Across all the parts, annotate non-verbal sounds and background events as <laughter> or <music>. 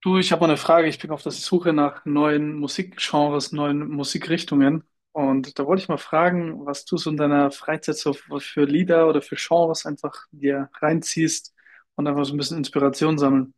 Du, ich habe mal eine Frage. Ich bin auf der Suche nach neuen Musikgenres, neuen Musikrichtungen. Und da wollte ich mal fragen, was du so in deiner Freizeit so für Lieder oder für Genres einfach dir reinziehst und einfach so ein bisschen Inspiration sammeln.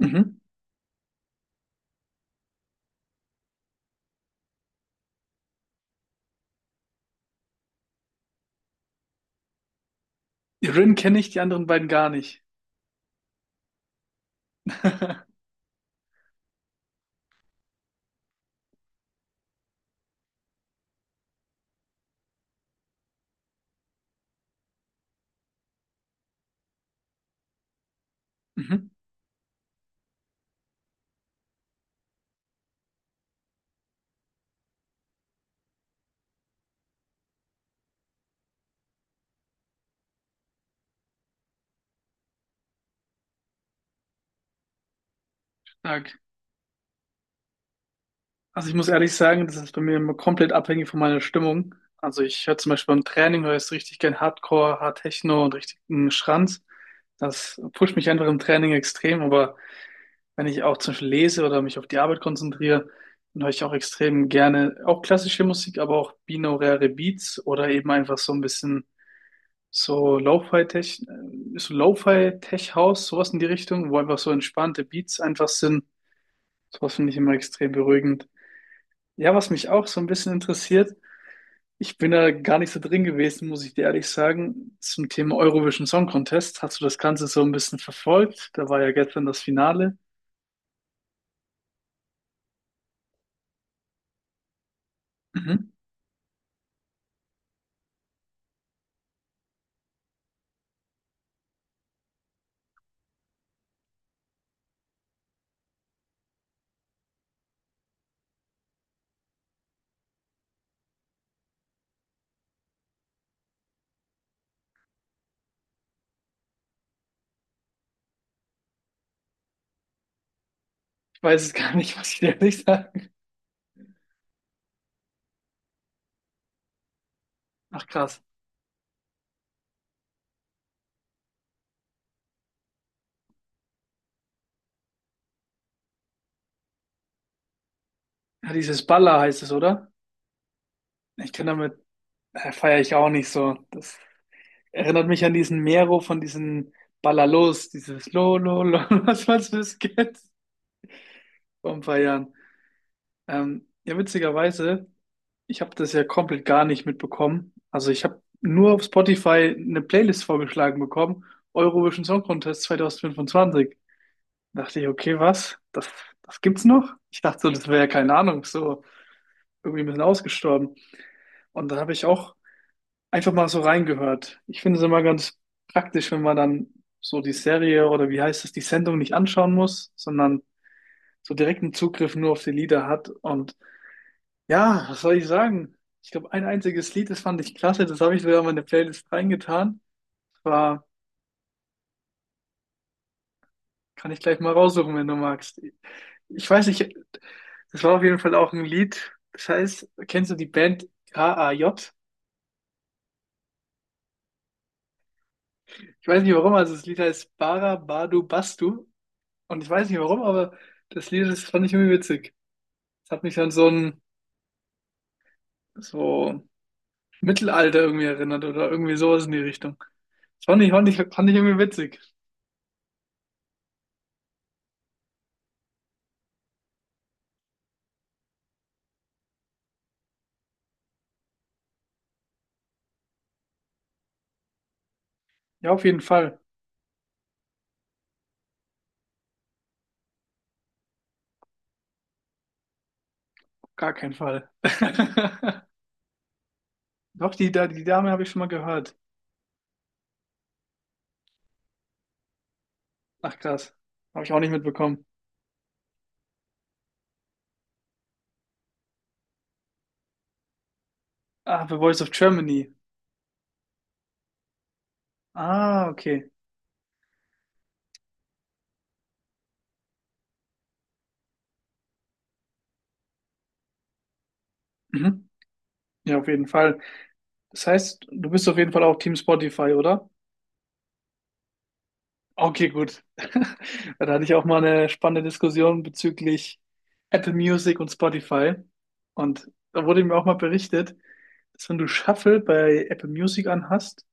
Mhm. Die Rin kenne ich, die anderen beiden gar nicht. <laughs> Mhm. Stark. Also ich muss ehrlich sagen, das ist bei mir immer komplett abhängig von meiner Stimmung. Also ich höre zum Beispiel beim Training, höre ich richtig gern Hardcore, Hard Techno und richtigen Schranz. Das pusht mich einfach im Training extrem, aber wenn ich auch zum Beispiel lese oder mich auf die Arbeit konzentriere, dann höre ich auch extrem gerne auch klassische Musik, aber auch binaurale Beats oder eben einfach so ein bisschen so Lo-Fi-Tech-House, sowas in die Richtung, wo einfach so entspannte Beats einfach sind. Sowas finde ich immer extrem beruhigend. Ja, was mich auch so ein bisschen interessiert, ich bin da gar nicht so drin gewesen, muss ich dir ehrlich sagen, zum Thema Eurovision Song Contest. Hast du das Ganze so ein bisschen verfolgt? Da war ja gestern das Finale. Mhm. Ich weiß es gar nicht, <laughs> muss ich dir ehrlich sagen. Ach krass. Ja, dieses Balla heißt es, oder? Ich kann damit, feiere ich auch nicht so. Das erinnert mich an diesen Mero von diesen Ballalos, dieses Lo, Lo, Lo, <laughs> was das geht vor ein paar Jahren. Ja, witzigerweise, ich habe das ja komplett gar nicht mitbekommen. Also ich habe nur auf Spotify eine Playlist vorgeschlagen bekommen, Eurovision Song Contest 2025. Dachte ich, okay, was? Das gibt's noch? Ich dachte so, das wäre, keine Ahnung, so irgendwie ein bisschen ausgestorben. Und dann habe ich auch einfach mal so reingehört. Ich finde es immer ganz praktisch, wenn man dann so die Serie oder wie heißt es, die Sendung nicht anschauen muss, sondern so direkten Zugriff nur auf die Lieder hat. Und ja, was soll ich sagen? Ich glaube, ein einziges Lied, das fand ich klasse, das habe ich sogar in meine Playlist reingetan. War, kann ich gleich mal raussuchen, wenn du magst. Ich weiß nicht, das war auf jeden Fall auch ein Lied. Das heißt, kennst du die Band KAJ? Ich weiß nicht warum, also das Lied heißt Bara Badu Bastu. Und ich weiß nicht warum, aber das Lied, das fand ich irgendwie witzig. Es hat mich an so ein so Mittelalter irgendwie erinnert oder irgendwie sowas in die Richtung. Das fand ich irgendwie witzig. Ja, auf jeden Fall. Auf gar keinen Fall. <laughs> Doch, die Dame habe ich schon mal gehört. Ach krass. Habe ich auch nicht mitbekommen. Ah, The Voice of Germany. Ah, okay. Mhm. Ja, auf jeden Fall. Das heißt, du bist auf jeden Fall auch Team Spotify, oder? Okay, gut. <laughs> Da hatte ich auch mal eine spannende Diskussion bezüglich Apple Music und Spotify. Und da wurde mir auch mal berichtet, dass wenn du Shuffle bei Apple Music anhast,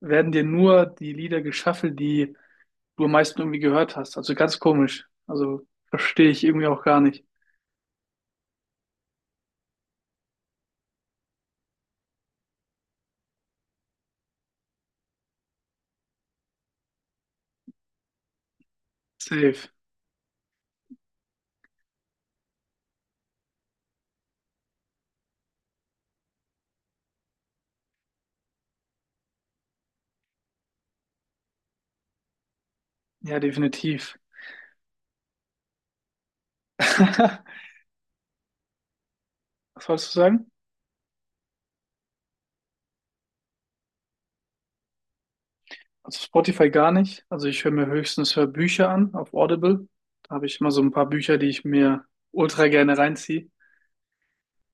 werden dir nur die Lieder geshuffelt, die du am meisten irgendwie gehört hast. Also ganz komisch. Also verstehe ich irgendwie auch gar nicht. Safe. Ja, definitiv. <laughs> Was wolltest du sagen? Also Spotify gar nicht. Also ich höre mir höchstens Hörbücher an auf Audible. Da habe ich immer so ein paar Bücher, die ich mir ultra gerne reinziehe.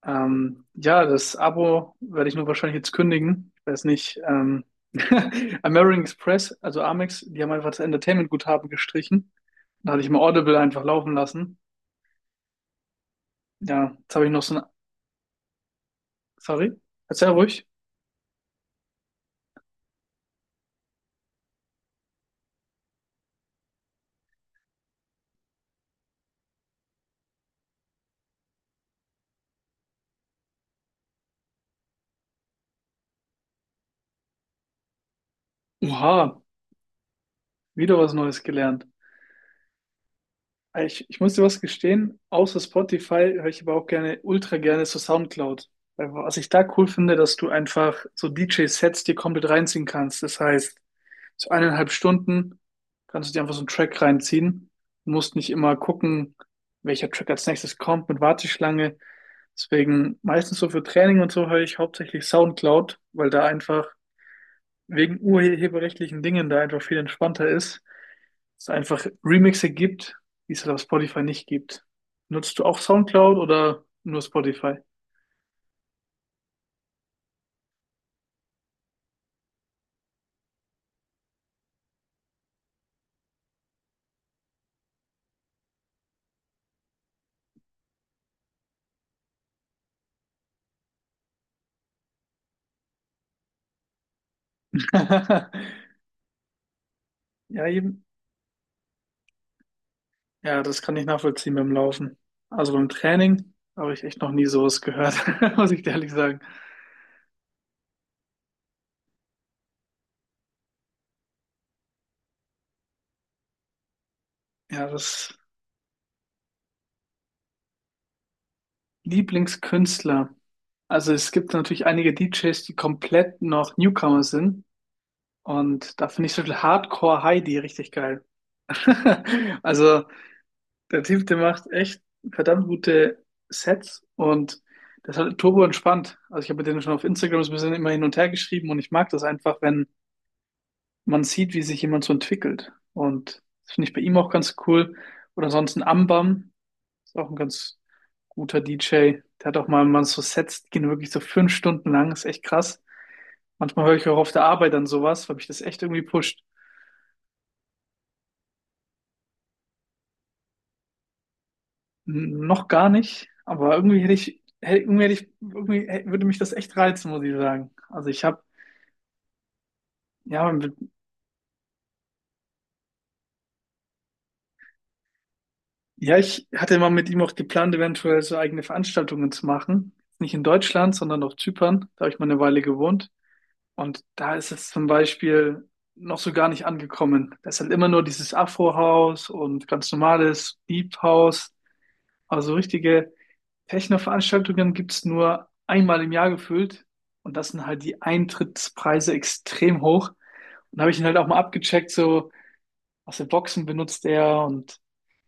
Ja, das Abo werde ich nur wahrscheinlich jetzt kündigen. Ich weiß nicht. <laughs> American Express, also Amex, die haben einfach das Entertainment-Guthaben gestrichen. Da hatte ich mal Audible einfach laufen lassen. Ja, jetzt habe ich noch so ein... Sorry, erzähl ruhig. Oha, wieder was Neues gelernt. Ich muss dir was gestehen, außer Spotify höre ich aber auch gerne, ultra gerne so Soundcloud. Weil was ich da cool finde, dass du einfach so DJ-Sets dir komplett reinziehen kannst. Das heißt, so 1,5 Stunden kannst du dir einfach so einen Track reinziehen. Du musst nicht immer gucken, welcher Track als nächstes kommt mit Warteschlange. Deswegen meistens so für Training und so höre ich hauptsächlich Soundcloud, weil da einfach wegen urheberrechtlichen Dingen da einfach viel entspannter ist, es einfach Remixe gibt, die es halt auf Spotify nicht gibt. Nutzt du auch SoundCloud oder nur Spotify? <laughs> Ja, eben. Ja, das kann ich nachvollziehen beim Laufen. Also beim Training habe ich echt noch nie sowas gehört, <laughs> muss ich dir ehrlich sagen. Ja, das Lieblingskünstler. Also es gibt natürlich einige DJs, die komplett noch Newcomer sind. Und da finde ich so viel Hardcore Heidi richtig geil. <laughs> Also der Typ, der macht echt verdammt gute Sets und das ist halt turbo entspannt. Also ich habe mit denen schon auf Instagram so ein bisschen immer hin und her geschrieben und ich mag das einfach, wenn man sieht, wie sich jemand so entwickelt. Und das finde ich bei ihm auch ganz cool. Oder ansonsten Ambam ist auch ein ganz guter DJ. Der hat auch mal, man so Sets, die gehen wirklich so 5 Stunden lang, ist echt krass. Manchmal höre ich auch auf der Arbeit dann sowas, weil mich das echt irgendwie pusht. Noch gar nicht, aber irgendwie hätte ich, hätte, irgendwie hätte ich, würde mich das echt reizen, muss ich sagen. Also ich habe, ja, mit- ja, ich hatte mal mit ihm auch geplant, eventuell so eigene Veranstaltungen zu machen. Nicht in Deutschland, sondern auf Zypern. Da habe ich mal eine Weile gewohnt. Und da ist es zum Beispiel noch so gar nicht angekommen. Da ist halt immer nur dieses Afro-House und ganz normales Deep House, also richtige Techno-Veranstaltungen gibt es nur einmal im Jahr gefühlt. Und das sind halt die Eintrittspreise extrem hoch. Und habe ich ihn halt auch mal abgecheckt, so, was für Boxen benutzt er und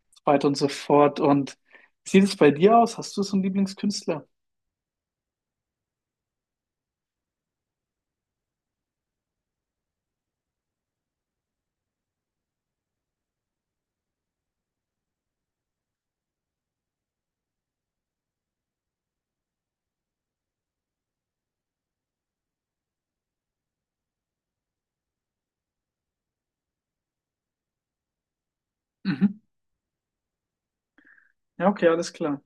so weiter und so fort. Und wie sieht es bei dir aus? Hast du so einen Lieblingskünstler? Mhm. Ja, okay, alles klar.